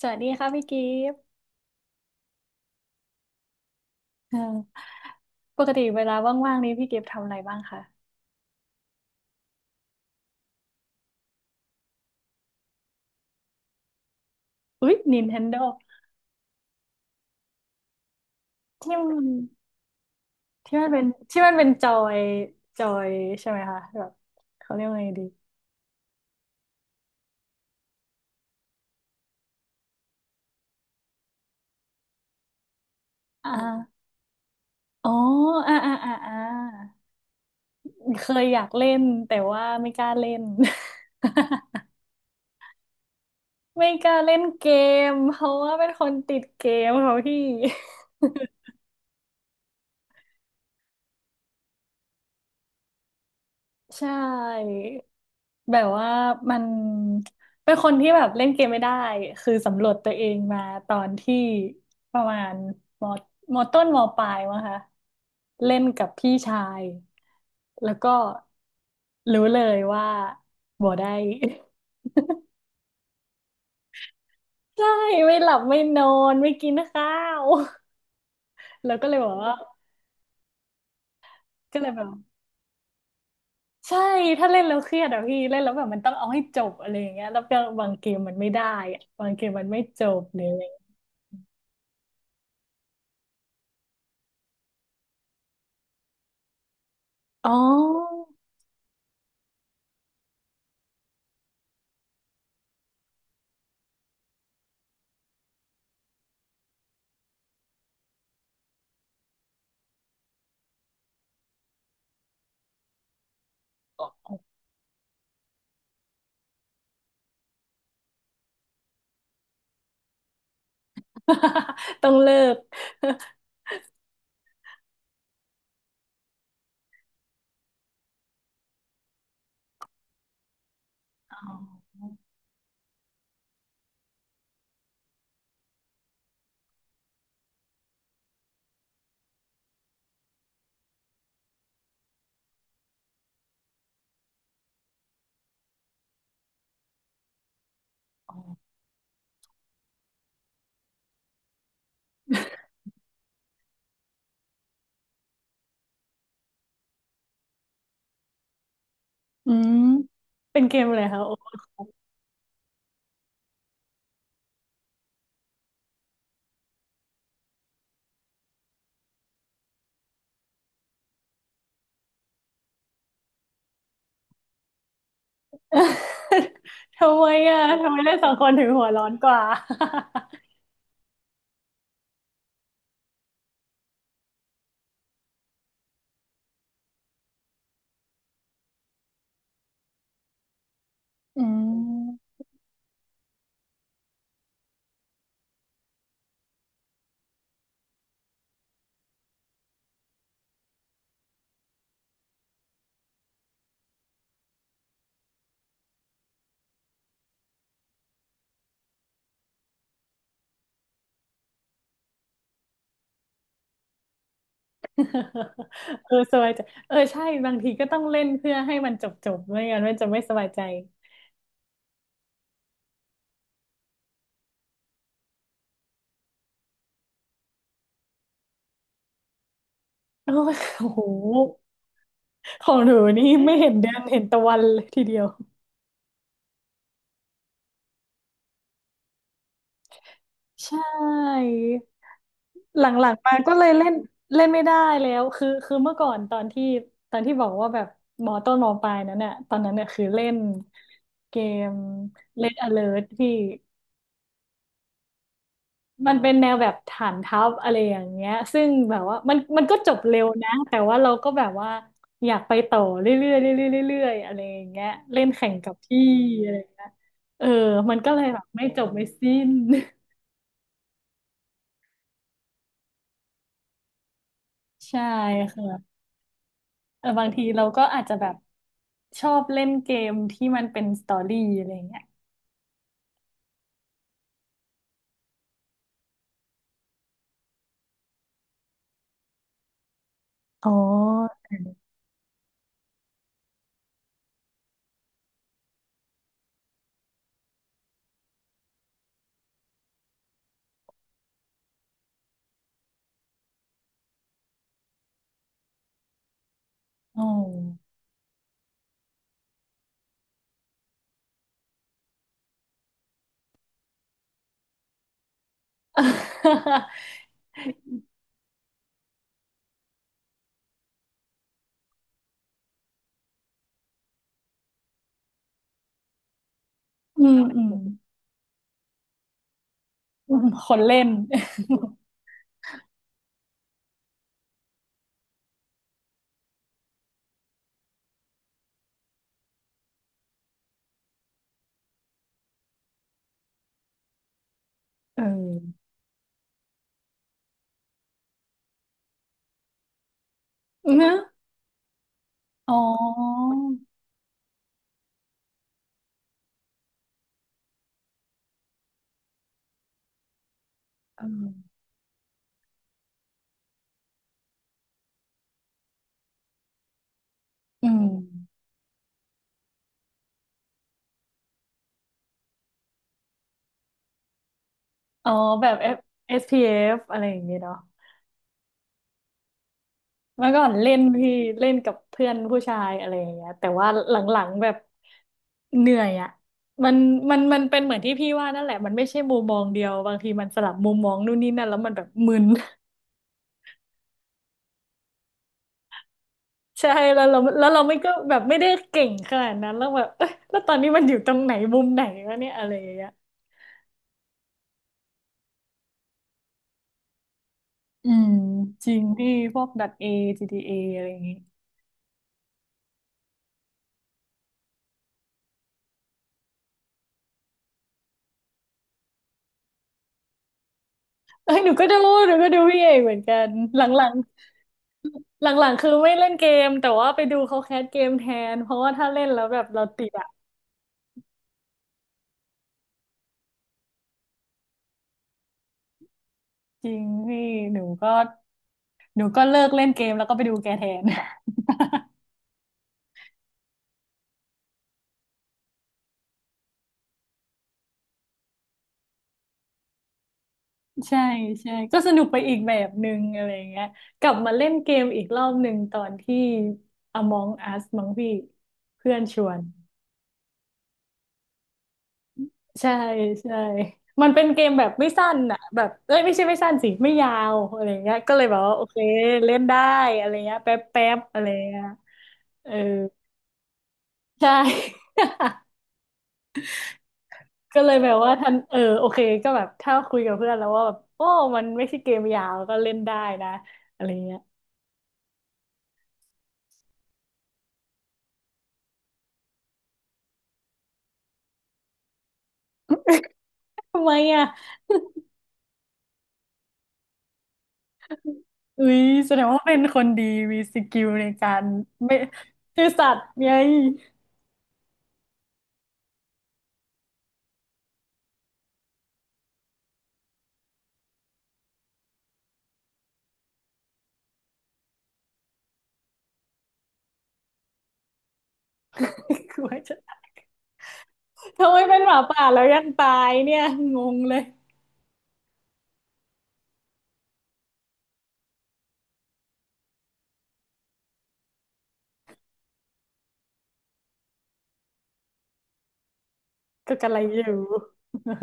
สวัสดีค่ะพี่กิฟต์เอ่อปกติเวลาว่างๆนี้พี่กิฟต์ทำอะไรบ้างคะอุ๊ย Nintendo ที่มันที่มันเป็นที่มันเป็นจอยจอยใช่ไหมคะแบบเขาเรียกว่าไงดีอ่าอ๋ออ่าอ่าอ่าอ่าเคยอยากเล่นแต่ว่าไม่กล้าเล่น ไม่กล้าเล่นเกมเพราะว่าเป็นคนติดเกมเขาพี่ใช่ แบบว่ามันเป็นคนที่แบบเล่นเกมไม่ได้คือสำรวจตัวเองมาตอนที่ประมาณมมต้นมปลายมั้งคะเล่นกับพี่ชายแล้วก็รู้เลยว่าบ่ได้ ใช่ไม่หลับไม่นอนไม่กินข้าว แล้วก็เลยบอกว่าก็เลยแบบใช่ถ้าเล่นแล้วเครียดอะพี่เล่นแล้วแบบมันต้องเอาให้จบอะไรอย่างเงี้ยแล้วก็บางเกมมันไม่ได้อะบางเกมมันไม่จบเลยอ๋อ ต้องเลิกอ๋ออ๋ออืมเป็นเกมอะไรคะโอ้ทำไมอ่ะทำไมเล่นสองคนถึงหัวร้อนกว่าอืม เออสบายใจเออใช่บางทีก็ต้องเล่นเพื่อให้มันจบจบไม่งั้นมันจะไม่สบายใจโอ้ยโอ้โหของหนูนี่ไม่เห็นเดือนเห็นตะวันเลยทีเดียวใช่ หลังๆมาก็เลยเล่นเล่นไม่ได้แล้วคือเมื่อก่อนตอนที่บอกว่าแบบมอต้นมอปลายนั้นเนี่ยตอนนั้นเนี่ยคือเล่นเกม Red Alert ที่มันเป็นแนวแบบฐานทัพอะไรอย่างเงี้ยซึ่งแบบว่ามันก็จบเร็วนะแต่ว่าเราก็แบบว่าอยากไปต่อเรื่อยๆเรื่อยๆเรื่อยๆอะไรอย่างเงี้ยเล่นแข่งกับพี่อะไรอย่างเงี้ยเออมันก็เลยแบบไม่จบไม่สิ้น ใช่ค่ะ เออบางทีเราก็อาจจะแบบชอบเล่นเกมที่มันเป็นสตอรี่อะไรเงี้ยอ๋ออ๋ออืมอืมอืมคนเล่นเออ เนอะอ๋อเอออืมอ๋อแบบ F- SPF อสพีเอฟอะไรอย่างเงี้ยเนาะ เมื่อก่อนเล่นพี่เล่นกับเพื่อนผู้ชายอะไรอย่างเงี้ยแต่ว่าหลังๆแบบเหนื่อยอ่ะมันมันมันเป็นเหมือนที่พี่ว่านั่นแหละมันไม่ใช่มุมมองเดียวบางทีมันสลับมุมมองนู่นนี่นั่นแล้วมันแบบมึน ใช่แล้วเราไม่ก็แบบไม่ได้เก่งขนาดนั้นแล้วแบบ เอ้ยแล้วตอนนี้มันอยู่ตรงไหนมุมไหนวะเนี่ยอะไรอย่างเงี้ยอืมจริงพี่พวกดัตเอจีดีเออะไรอย่างงี้เอ้ยหนูก็ดูหนูก็ดูพี่เอกเหมือนกันหลังๆ หลังๆคือไม่เล่นเกมแต่ว่าไปดูเขาแคสเกมแทนเพราะว่าถ้าเล่นแล้วแบบเราติดอะจริงนี่หนูก็เลิกเล่นเกมแล้วก็ไปดูแกแทน ใช่ใช่ก็สนุกไปอีกแบบหนึ่งอะไรอย่างเงี้ยกลับมาเล่นเกมอีกรอบหนึ่งตอนที่ Among Us มั้งพี่เพื่อนชวนใช่ใช่มันเป็นเกมแบบไม่สั้นอ่ะแบบเอ้ยไม่ใช่ไม่สั้นสิไม่ยาวอะไรอย่างเงี้ยก็เลยแบบว่าโอเคเล่นได้อะไรเงี้ยแป๊บแป๊บอะไรเงี้ยเออ ใช่ ก็เลยแบบว่าท่านเออโอเคก็แบบถ้าคุยกับเพื่อนแล้วว่าแบบโอ้มันไม่ใช่เกมยาวก็เล่นได้นะอะไรเงี้ยทำไมอ่ะอุ้ยแสดงว่าเป็นคนดีมีสกิลในการไม่ซื่อสัตย์ไงกลัวจะ ทำไมเป็นหมาป่าแล้วยังตายเนี่ยงงเลยก็กะไรอยู่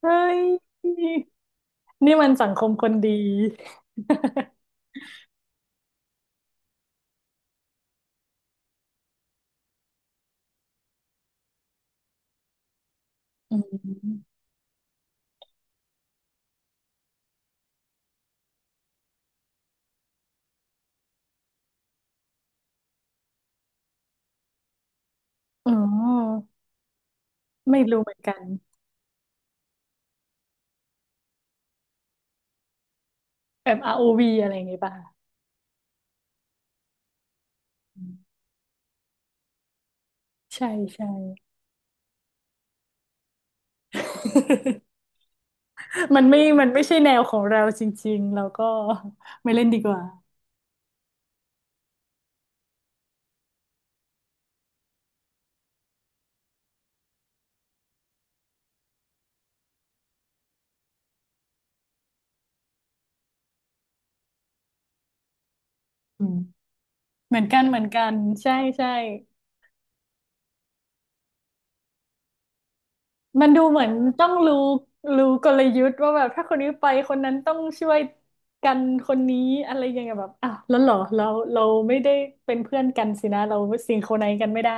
เฮ้ยนี่มันสังคมคนดีอืมอ๋อไม่รู้เหมือนกันแบบ ROV อวีอะไรอย่างงี้ป่ะ ใช่ใช่ มันไม่มันไม่ใช่แนวของเราจริงๆเราก็ไม่เล่นดีกว่าอืมเหมือนกันเหมือนกันใช่ใช่มันดูเหมือนต้องรู้รู้กลยุทธ์ว่าแบบถ้าคนนี้ไปคนนั้นต้องช่วยกันคนนี้อะไรอย่างเงี้ยแบบอ้าวแล้วเหรอเราเราไม่ได้เป็นเพื่อนกันสินะเราซิงโครไนซ์กันไม่ได้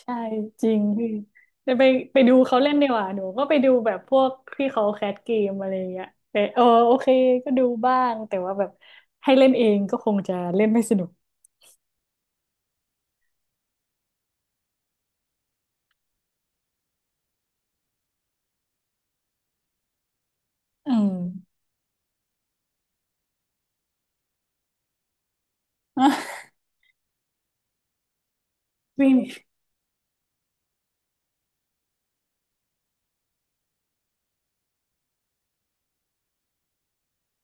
ใช่จริงพี่จะไปดูเขาเล่นดีกว่าหนูก็ไปดูแบบพวกที่เขาแคสเกมอะไรอย่างเงี้ยแต่เออโอเคก็ดูบ้างแต่ว่าแบบให้เล่นเองก็คงจะเล่นไม่สนุกอืม วิ่ง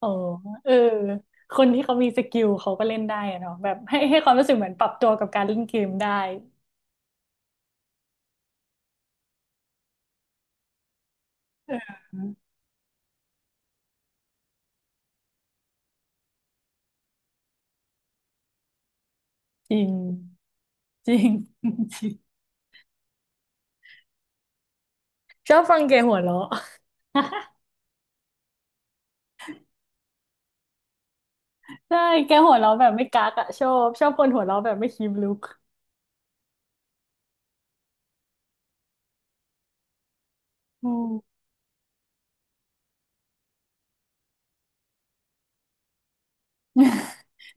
อ๋อเออคนที่เขามีสกิลเขาก็เล่นได้อะเนาะแบบให้ความรู้สึกเหมือนปรับตัวกับการเล่นเกมได้เออจริงจริง จริงชอบฟังแกหัวเราะใช่แกหัวเราะแบบไม่กักอะชอบชอบคนหัวเราะแบบไม่คิมลุกอืม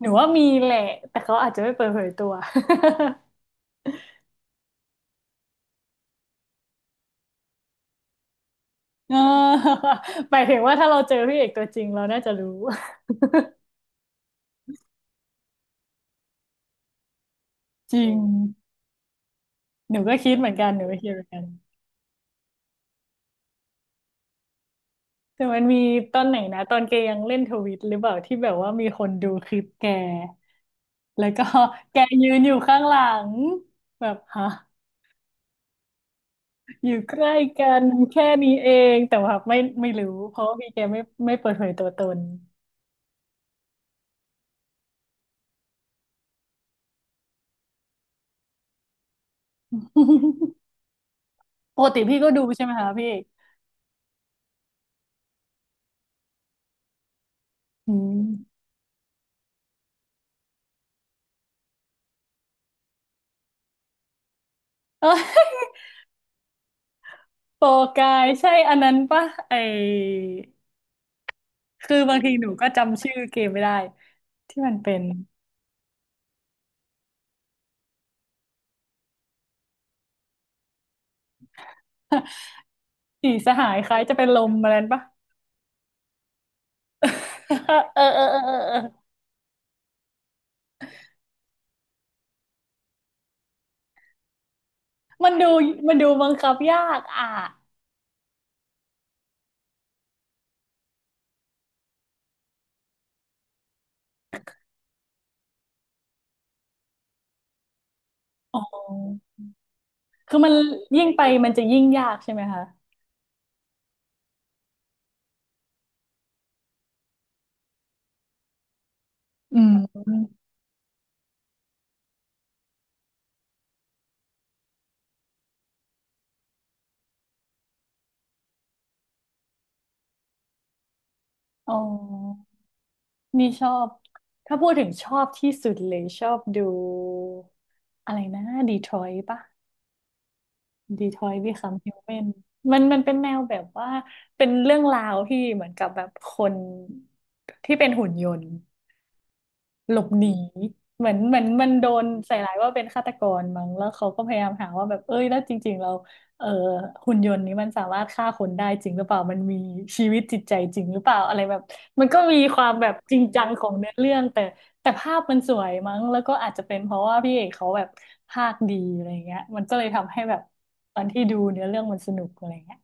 หนูว่ามีแหละแต่เขาอาจจะไม่เปิดเผยตัว เออหมายถึงว่าถ้าเราเจอพี่เอกตัวจริงเราน่าจะรู้จริงหนูก็คิดเหมือนกันหนูก็คิดเหมือนกันแต่มันมีตอนไหนนะตอนแกยังเล่นทวิตหรือเปล่าที่แบบว่ามีคนดูคลิปแกแล้วก็ แกยืนอยู่ข้างหลังแบบฮะอยู่ใกล้กันแค่นี้เองแต่ว่าไม่รู้เพราะว่าพี่แกไม่เปิดเผยตัวตน ปกติพี่ก็ดูใช่ไหมคะพี่เอกอืมเออ โปรกายใช่อันนั้นปะไอคือบางทีหนูก็จำชื่อเกมไม่ได้ที่มันเป็น สีสหายคล้ายจะเป็นลมอะไรนั้นปะ เออเออเออเออเออมันดูมันดูบังคับยากอ่ะอ๋อคือมันยิ่งไปมันจะยิ่งยากใช่ไหมคะอืมอ๋อนี่ชอบถ้าพูดถึงชอบที่สุดเลยชอบดูอะไรนะดีทรอยต์ปะ ดีทอยบีคัมฮิวแมนมันเป็นแนวแบบว่าเป็นเรื่องราวที่เหมือนกับแบบคนที่เป็นหุ่นยนต์ หลบหนีเหมือนมันโดนใส่ร้ายว่าเป็นฆาตกรมั้งแล้วเขาก็พยายามหาว่าแบบเอ้ยแล้วจริงๆเราเอ่อหุ่นยนต์นี้มันสามารถฆ่าคนได้จริงหรือเปล่ามันมีชีวิตจิตใจจริงหรือเปล่าอะไรแบบมันก็มีความแบบจริงจังของเนื้อเรื่องแต่ภาพมันสวยมั้งแล้วก็อาจจะเป็นเพราะว่าพี่เอกเขาแบบภาคดีอะไรเงี้ยมันก็เลยทำให้แบบตอนที่ดูเนื้อเรื่องมันสนุกอะไรเงี้ย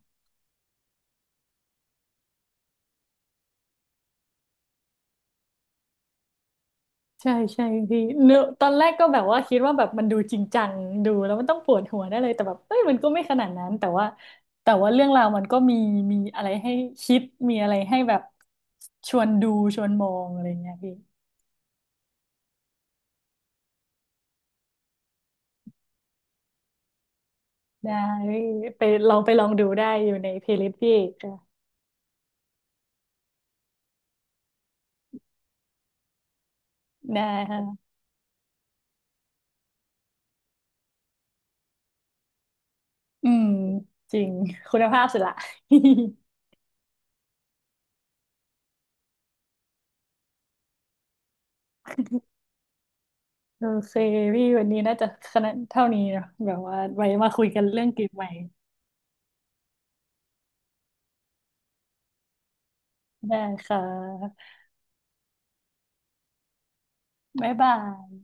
ใช่ใช่พี่เนอะตอนแรกก็แบบว่าคิดว่าแบบมันดูจริงจังดูแล้วมันต้องปวดหัวได้เลยแต่แบบเอ้ยมันก็ไม่ขนาดนั้นแต่ว่าเรื่องราวมันก็มีมีอะไรให้คิดมีอะไรให้แบบชวนดูชวนมองอะไรเงี้ยพี่ได้พี่ไปลองไปลองดูได้อยู่ในเพลย์ลิสต์พี่ค่ะได้ค่ะอืมจริงคุณภาพสุดละ โอเคพี่วันนี้น่าจะขนาดเท่านี้เนอะแบบว่าไว้มาคุยกันเรื่องเกมใหม่ได้ค่ะบ๊ายบาย